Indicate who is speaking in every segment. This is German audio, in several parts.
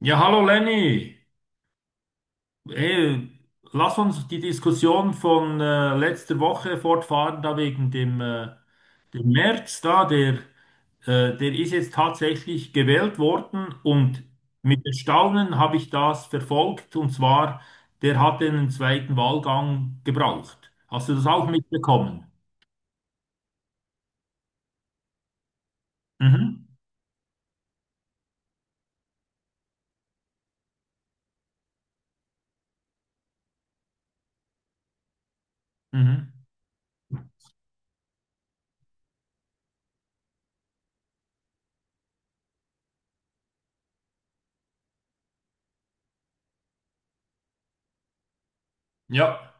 Speaker 1: Ja, hallo Lenny. Ey, lass uns die Diskussion von letzter Woche fortfahren, da wegen dem Merz da, der ist jetzt tatsächlich gewählt worden und mit Erstaunen habe ich das verfolgt und zwar, der hat einen zweiten Wahlgang gebraucht. Hast du das auch mitbekommen? Mhm. Mhm. Ja.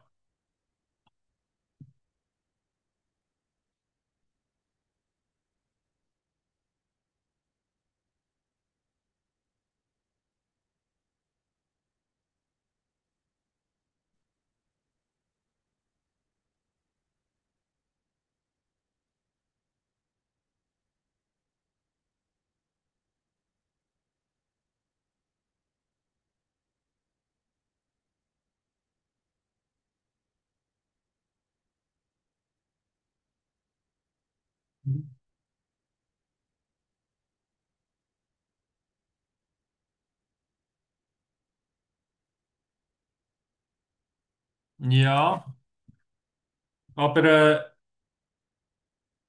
Speaker 1: Ja, aber äh,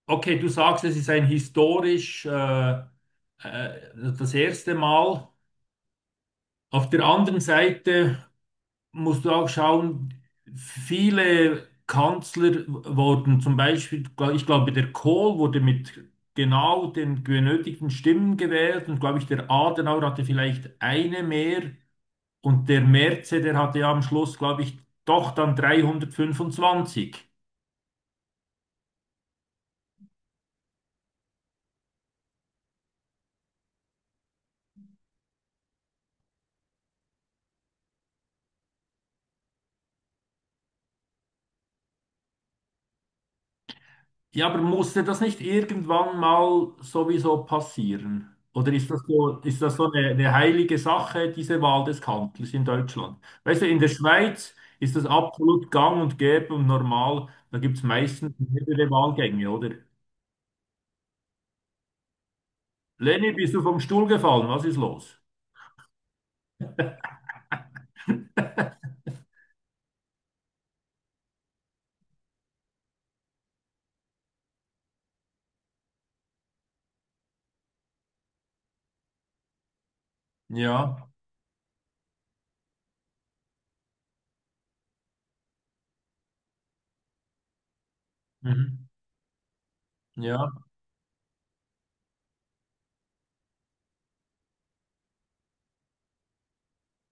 Speaker 1: okay, du sagst, es ist ein historisch äh, das erste Mal. Auf der anderen Seite musst du auch schauen, viele Kanzler wurden zum Beispiel, ich glaube, der Kohl wurde mit genau den benötigten Stimmen gewählt und glaube ich, der Adenauer hatte vielleicht eine mehr und der Merz, der hatte ja am Schluss, glaube ich, doch dann 325. Ja, aber musste das nicht irgendwann mal sowieso passieren? Oder ist das so, ist das so eine heilige Sache, diese Wahl des Kanzlers in Deutschland? Weißt du, in der Schweiz ist das absolut gang und gäbe und normal. Da gibt es meistens mehrere Wahlgänge, oder? Lenny, bist du vom Stuhl gefallen? Was ist los? Ja, mhm. Ja,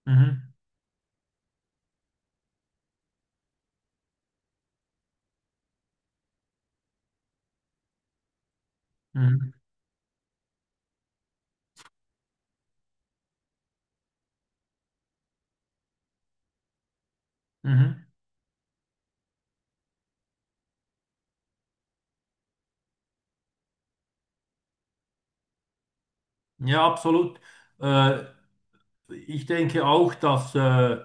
Speaker 1: mhm. Mhm. Mhm. Ja, absolut. Äh, Ich denke auch, dass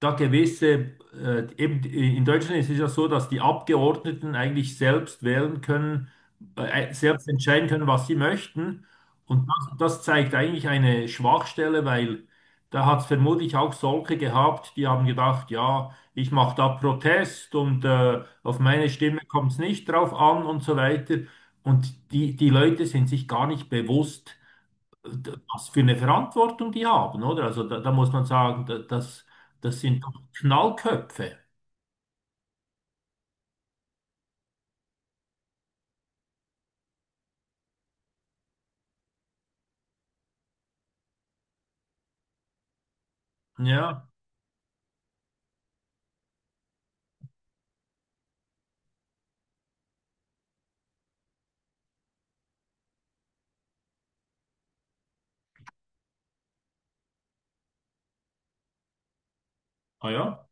Speaker 1: da gewisse, eben in Deutschland ist es ja so, dass die Abgeordneten eigentlich selbst wählen können, selbst entscheiden können, was sie möchten. Und das zeigt eigentlich eine Schwachstelle, weil da hat es vermutlich auch solche gehabt, die haben gedacht, ja, ich mache da Protest und auf meine Stimme kommt es nicht drauf an und so weiter. Und die Leute sind sich gar nicht bewusst, was für eine Verantwortung die haben, oder? Also da, da muss man sagen, das sind doch Knallköpfe. Ja, ah ja.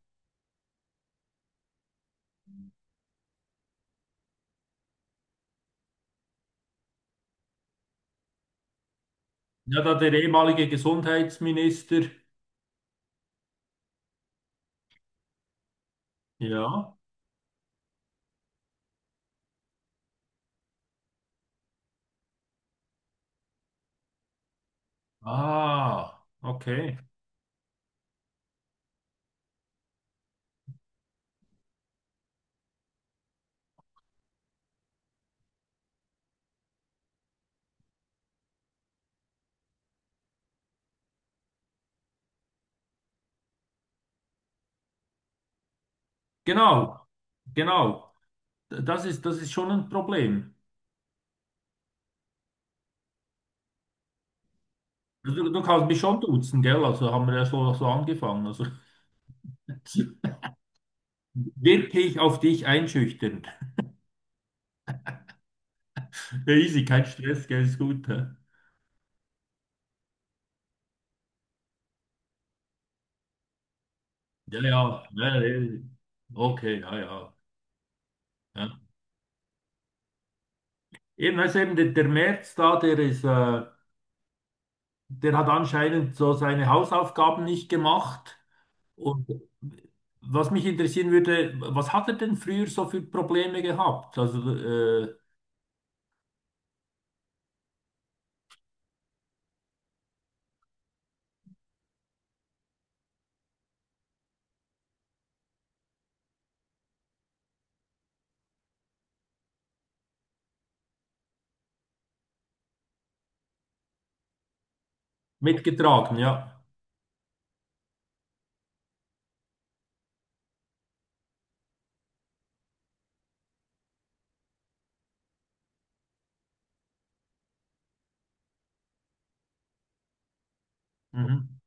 Speaker 1: Ja, da der ehemalige Gesundheitsminister. Ja. Ah, okay. Genau, genau. Das ist schon ein Problem. Also du kannst mich schon duzen, gell? Also haben wir ja so, so angefangen. Also wirklich auf dich einschüchtern. Ja, easy, kein Stress, gell, ist gut. Hä? Ja, ja, ja, ja. Okay, ja, ja. Ja. Also der Merz da, der hat anscheinend so seine Hausaufgaben nicht gemacht. Und was mich interessieren würde, was hat er denn früher so für Probleme gehabt? Mitgetragen, ja. Mhm.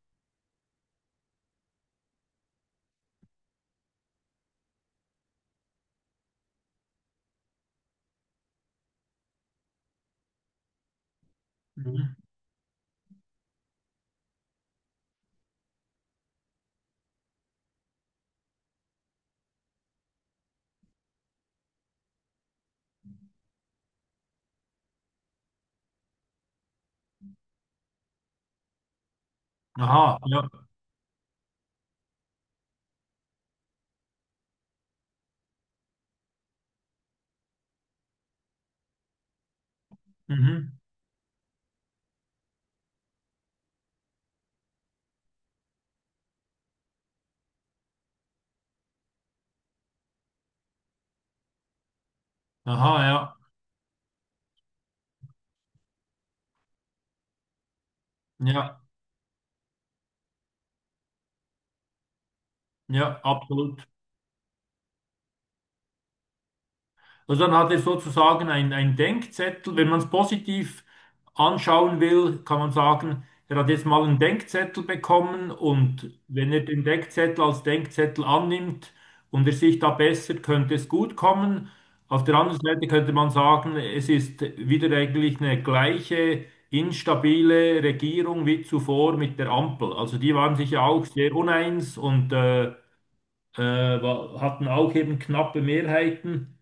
Speaker 1: Mhm. Aha, ja. Mhm. Aha, ja. Ja, ja, absolut. Also dann hat er sozusagen ein Denkzettel. Wenn man es positiv anschauen will, kann man sagen, er hat jetzt mal einen Denkzettel bekommen und wenn er den Denkzettel als Denkzettel annimmt und er sich da bessert, könnte es gut kommen. Auf der anderen Seite könnte man sagen, es ist wieder eigentlich eine gleiche instabile Regierung wie zuvor mit der Ampel. Also die waren sich ja auch sehr uneins und hatten auch eben knappe Mehrheiten.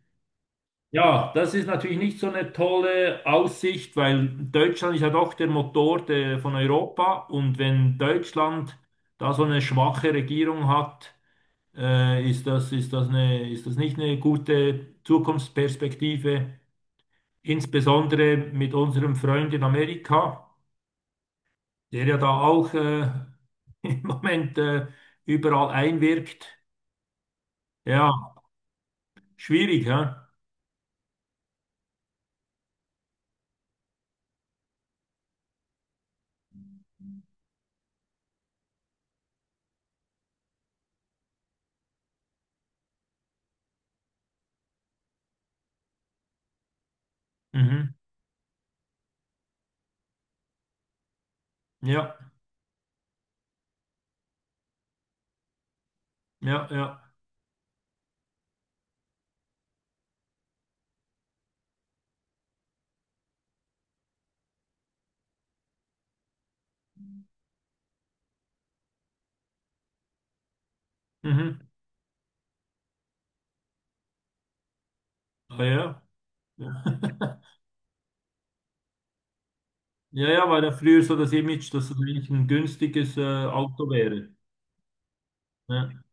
Speaker 1: Ja, das ist natürlich nicht so eine tolle Aussicht, weil Deutschland ist ja doch der Motor von Europa und wenn Deutschland da so eine schwache Regierung hat, ist das ist das nicht eine gute Zukunftsperspektive, insbesondere mit unserem Freund in Amerika, der ja da auch im Moment überall einwirkt. Ja, schwierig, ja? Mhm. Ja, ja, ja. Mhm. Ah, ja. Ja, ja, war ja früher so das Image, dass es eigentlich ein günstiges Auto wäre. Ja,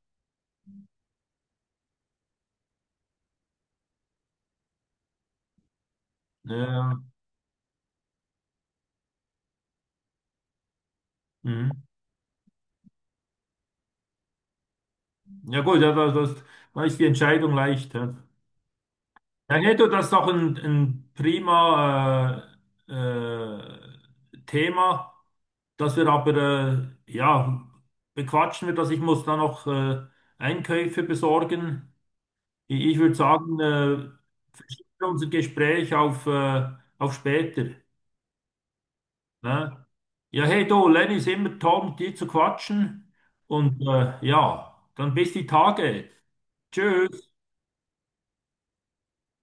Speaker 1: ja, ja. Mhm. Ja gut, da ist die Entscheidung leicht. Ja. Ja, hätte das doch ein prima äh, äh, Thema, dass wir aber, ja, bequatschen wir das. Ich muss da noch Einkäufe besorgen. Ich würde sagen, verschieben wir unser Gespräch auf später. Ne? Ja, hey du, Lenny ist immer toll, mit dir zu quatschen. Und ja, dann bis die Tage. Tschüss.